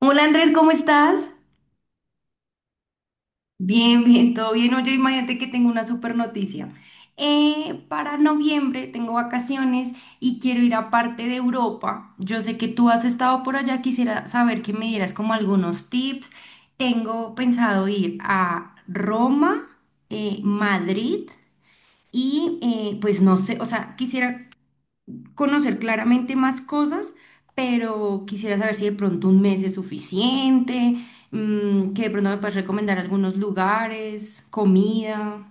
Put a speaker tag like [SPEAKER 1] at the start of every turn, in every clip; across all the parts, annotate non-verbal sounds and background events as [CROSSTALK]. [SPEAKER 1] Hola Andrés, ¿cómo estás? Bien, todo bien. Oye, imagínate que tengo una super noticia. Para noviembre tengo vacaciones y quiero ir a parte de Europa. Yo sé que tú has estado por allá, quisiera saber que me dieras como algunos tips. Tengo pensado ir a Roma, Madrid y pues no sé, o sea, quisiera conocer claramente más cosas, pero quisiera saber si de pronto un mes es suficiente, que de pronto me puedes recomendar algunos lugares, comida.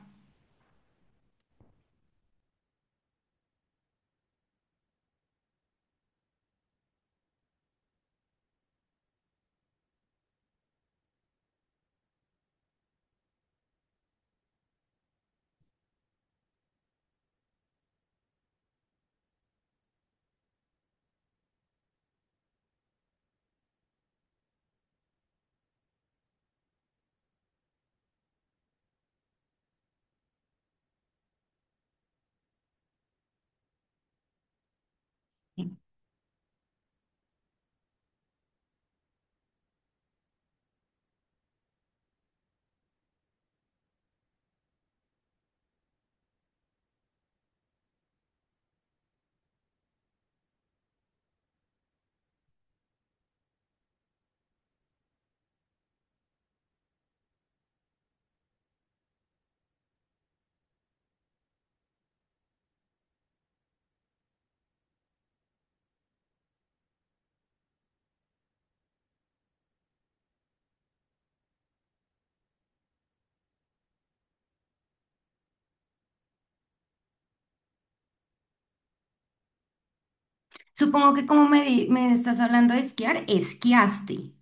[SPEAKER 1] Supongo que como me estás hablando de esquiar, esquiaste.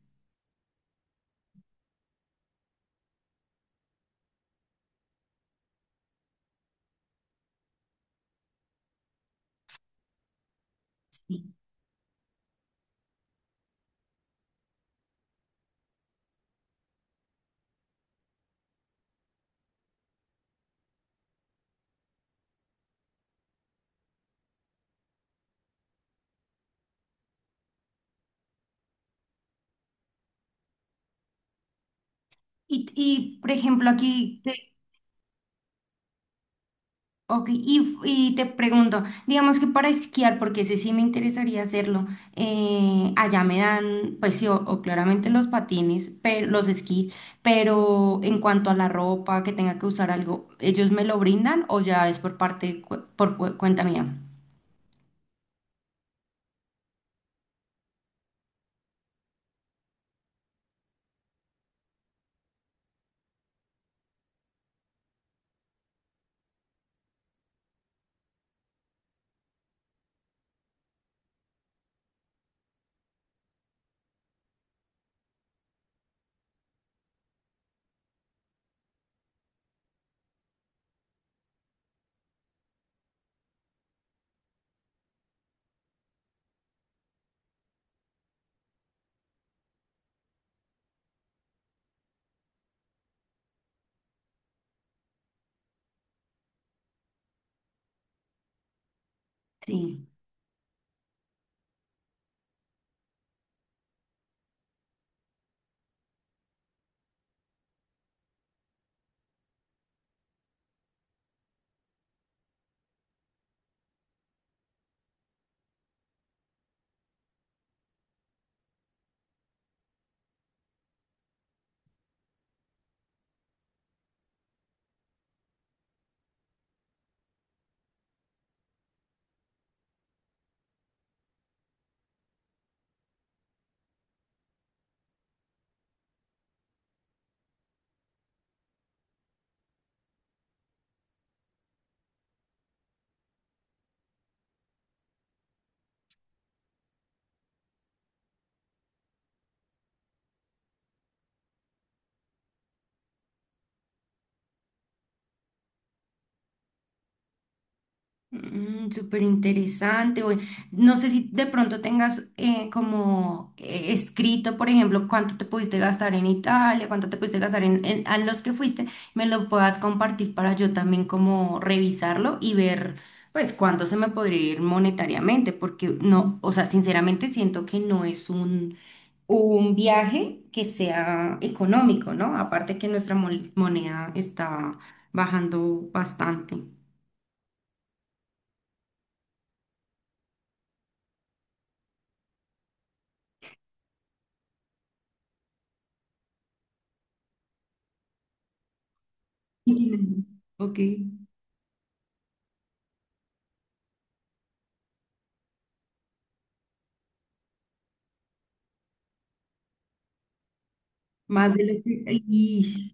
[SPEAKER 1] Sí. Por ejemplo, aquí ok. Y te pregunto, digamos que para esquiar, porque ese sí me interesaría hacerlo, allá me dan, pues sí, o claramente los patines, pero los esquís, pero en cuanto a la ropa, que tenga que usar algo, ¿ellos me lo brindan o ya es por parte, cuenta mía? Sí. Mm, súper interesante. Oye, no sé si de pronto tengas como escrito, por ejemplo, cuánto te pudiste gastar en Italia, cuánto te pudiste gastar en, a los que fuiste, me lo puedas compartir para yo también como revisarlo y ver pues cuánto se me podría ir monetariamente, porque no, o sea, sinceramente siento que no es un viaje que sea económico, ¿no? Aparte que nuestra moneda está bajando bastante. [LAUGHS] Y ok. Más de lo que... y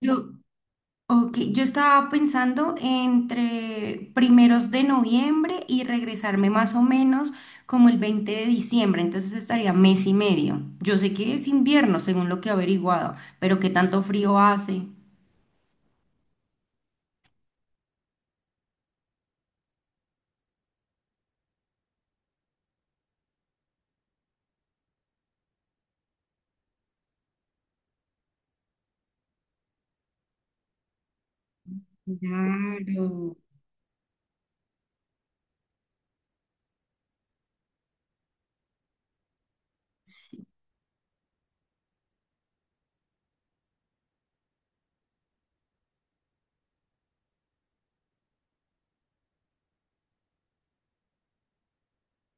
[SPEAKER 1] Yo, ok, yo estaba pensando entre primeros de noviembre y regresarme más o menos como el 20 de diciembre, entonces estaría mes y medio. Yo sé que es invierno, según lo que he averiguado, pero ¿qué tanto frío hace? Claro.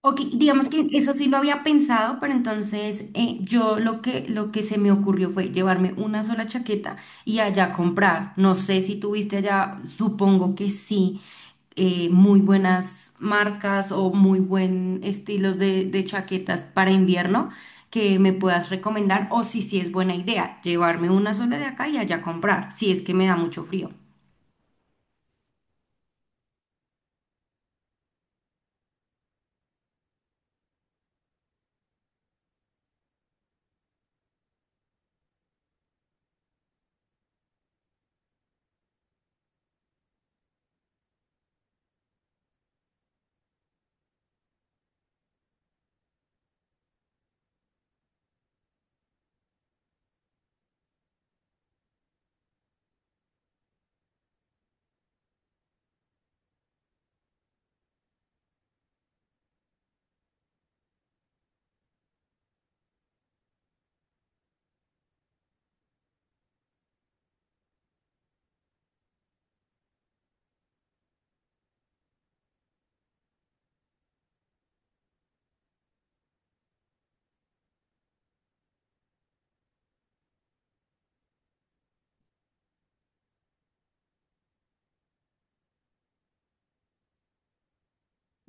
[SPEAKER 1] Ok, digamos que eso sí lo había pensado, pero entonces yo lo que se me ocurrió fue llevarme una sola chaqueta y allá comprar. No sé si tuviste allá, supongo que sí, muy buenas marcas o muy buen estilos de chaquetas para invierno que me puedas recomendar o si sí es buena idea llevarme una sola de acá y allá comprar, si es que me da mucho frío.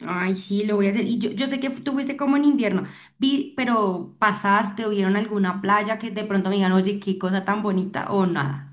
[SPEAKER 1] Ay, sí, lo voy a hacer. Y yo sé que tú fuiste como en invierno, vi, pero pasaste o vieron alguna playa que de pronto me digan, oye, qué cosa tan bonita o nada.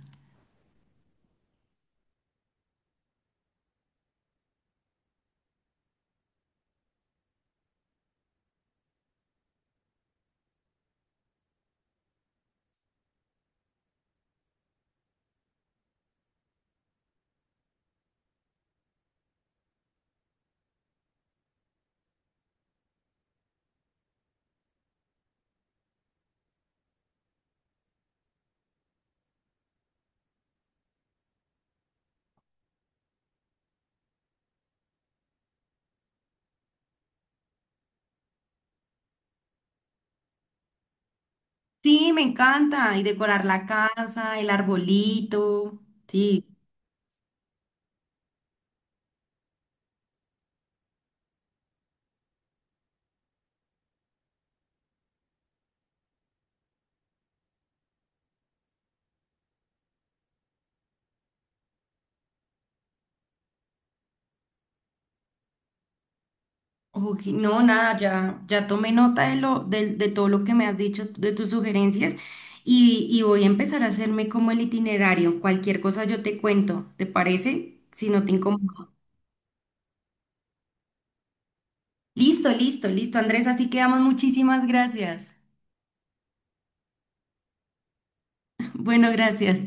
[SPEAKER 1] Sí, me encanta. Y decorar la casa, el arbolito. Sí. Ok, no, nada, ya tomé nota de lo, de todo lo que me has dicho, de tus sugerencias, y voy a empezar a hacerme como el itinerario. Cualquier cosa yo te cuento, ¿te parece? Si no te incomoda. Listo, listo, listo, Andrés, así quedamos. Muchísimas gracias. Bueno, gracias.